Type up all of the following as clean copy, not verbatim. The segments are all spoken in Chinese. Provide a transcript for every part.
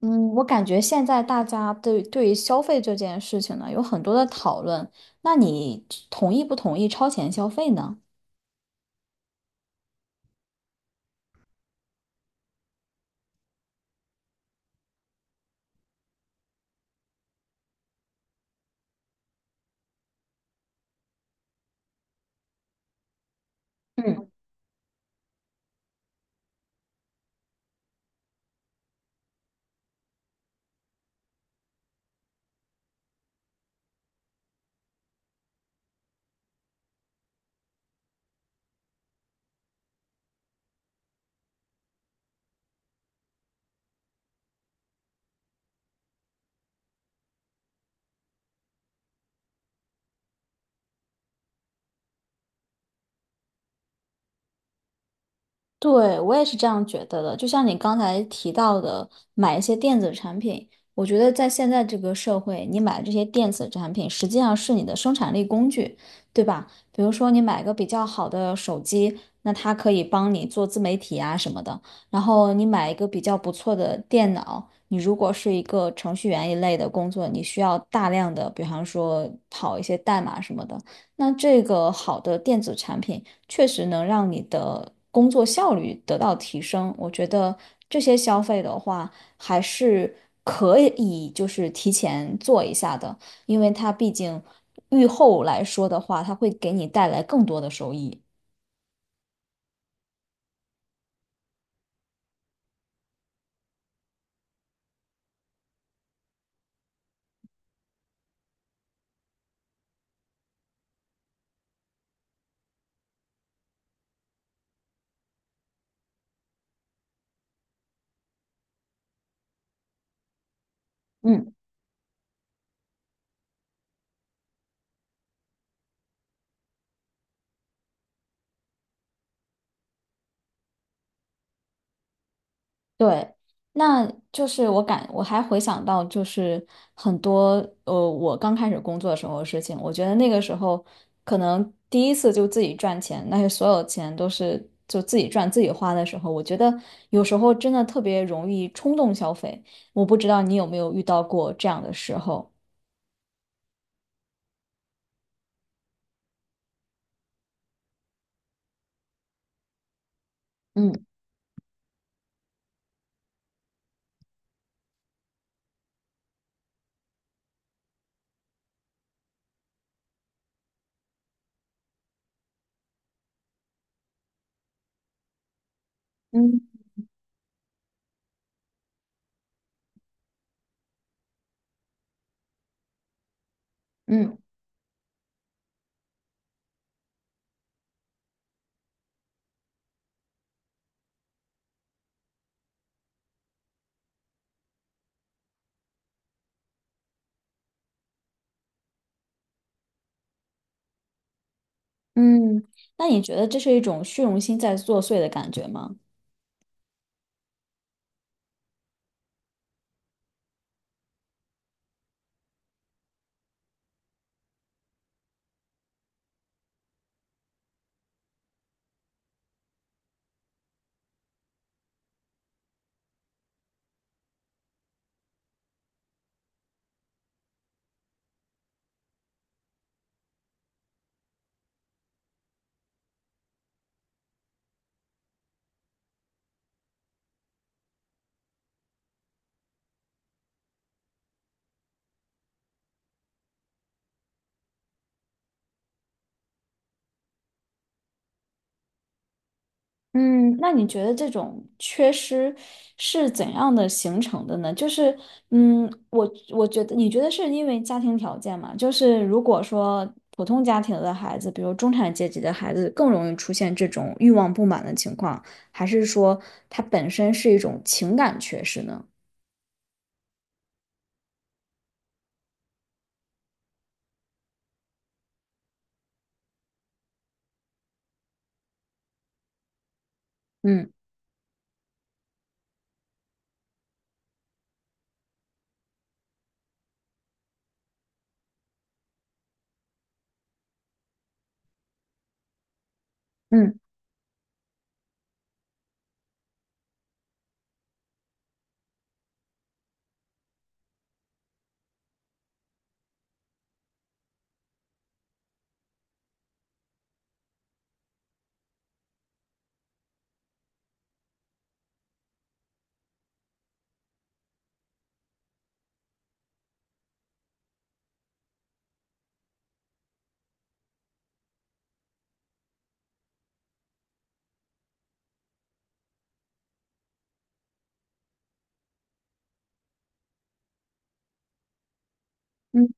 嗯，我感觉现在大家对于消费这件事情呢，有很多的讨论。那你同意不同意超前消费呢？嗯。对，我也是这样觉得的。就像你刚才提到的，买一些电子产品，我觉得在现在这个社会，你买这些电子产品实际上是你的生产力工具，对吧？比如说你买个比较好的手机，那它可以帮你做自媒体啊什么的。然后你买一个比较不错的电脑，你如果是一个程序员一类的工作，你需要大量的，比方说跑一些代码什么的，那这个好的电子产品，确实能让你的工作效率得到提升。我觉得这些消费的话，还是可以就是提前做一下的，因为它毕竟预后来说的话，它会给你带来更多的收益。嗯。对，那就是我还回想到就是很多我刚开始工作的时候的事情，我觉得那个时候可能第一次就自己赚钱，那些所有钱都是就自己赚自己花的时候，我觉得有时候真的特别容易冲动消费。我不知道你有没有遇到过这样的时候？嗯嗯嗯嗯，那你觉得这是一种虚荣心在作祟的感觉吗？嗯，那你觉得这种缺失是怎样的形成的呢？就是，嗯，我觉得，你觉得是因为家庭条件嘛？就是如果说普通家庭的孩子，比如中产阶级的孩子，更容易出现这种欲望不满的情况，还是说它本身是一种情感缺失呢？嗯嗯嗯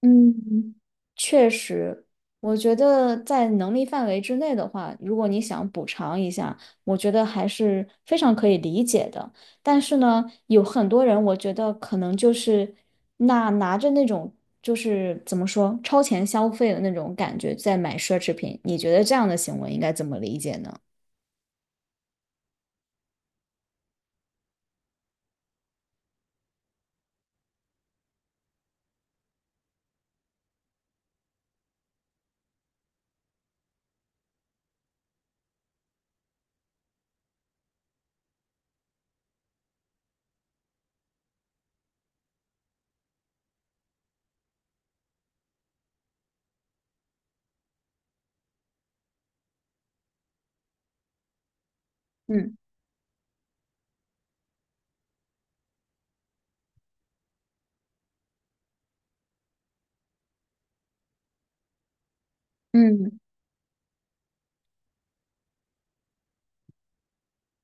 嗯，确实，我觉得在能力范围之内的话，如果你想补偿一下，我觉得还是非常可以理解的。但是呢，有很多人，我觉得可能就是那拿着那种就是怎么说超前消费的那种感觉在买奢侈品，你觉得这样的行为应该怎么理解呢？嗯嗯。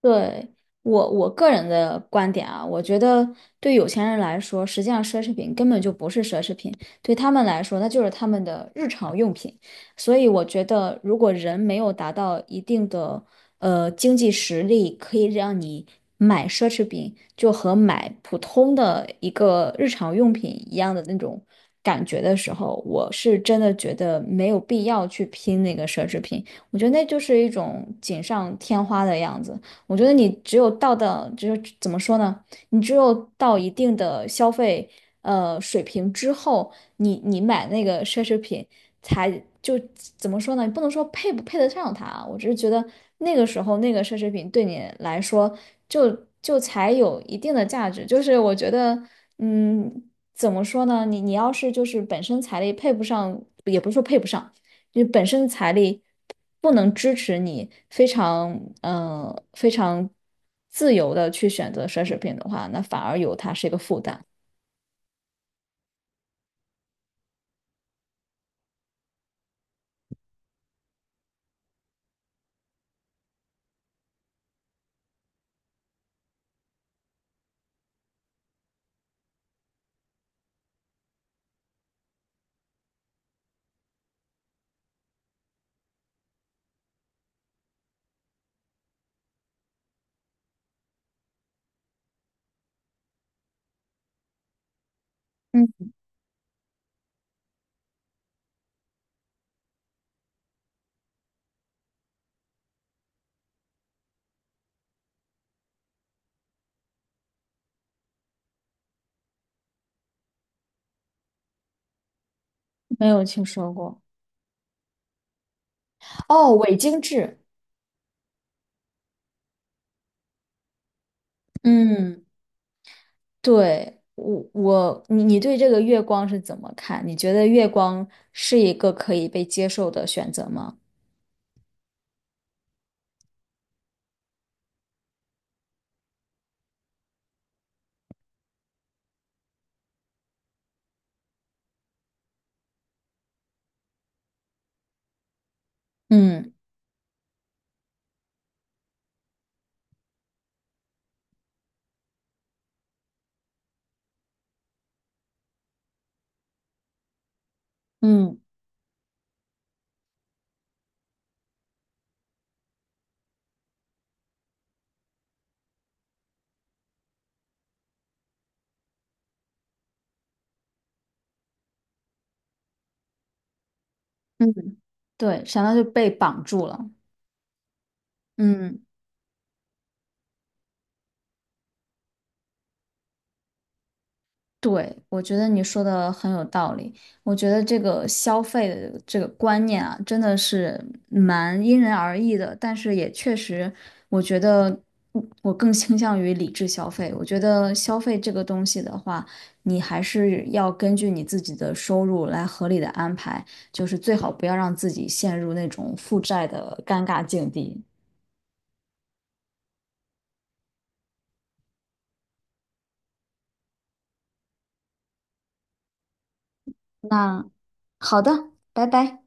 对，我个人的观点啊，我觉得对有钱人来说，实际上奢侈品根本就不是奢侈品，对他们来说，那就是他们的日常用品。所以我觉得，如果人没有达到一定的经济实力，可以让你买奢侈品，就和买普通的一个日常用品一样的那种感觉的时候，我是真的觉得没有必要去拼那个奢侈品。我觉得那就是一种锦上添花的样子。我觉得你只有到的，就是怎么说呢？你只有到一定的消费水平之后，你买那个奢侈品才就怎么说呢？不能说配不配得上它啊，我只是觉得那个时候那个奢侈品对你来说就就才有一定的价值。就是我觉得，嗯，怎么说呢？你要是就是本身财力配不上，也不是说配不上。就本身财力不能支持你非常自由的去选择奢侈品的话，那反而有它是一个负担。嗯，没有听说过。哦，伪精致，嗯，对，我你对这个月光是怎么看？你觉得月光是一个可以被接受的选择吗？嗯嗯嗯，对，想到就被绑住了。嗯。对，我觉得你说的很有道理。我觉得这个消费的这个观念啊，真的是蛮因人而异的。但是也确实，我觉得我更倾向于理智消费。我觉得消费这个东西的话，你还是要根据你自己的收入来合理的安排，就是最好不要让自己陷入那种负债的尴尬境地。那好的，拜拜。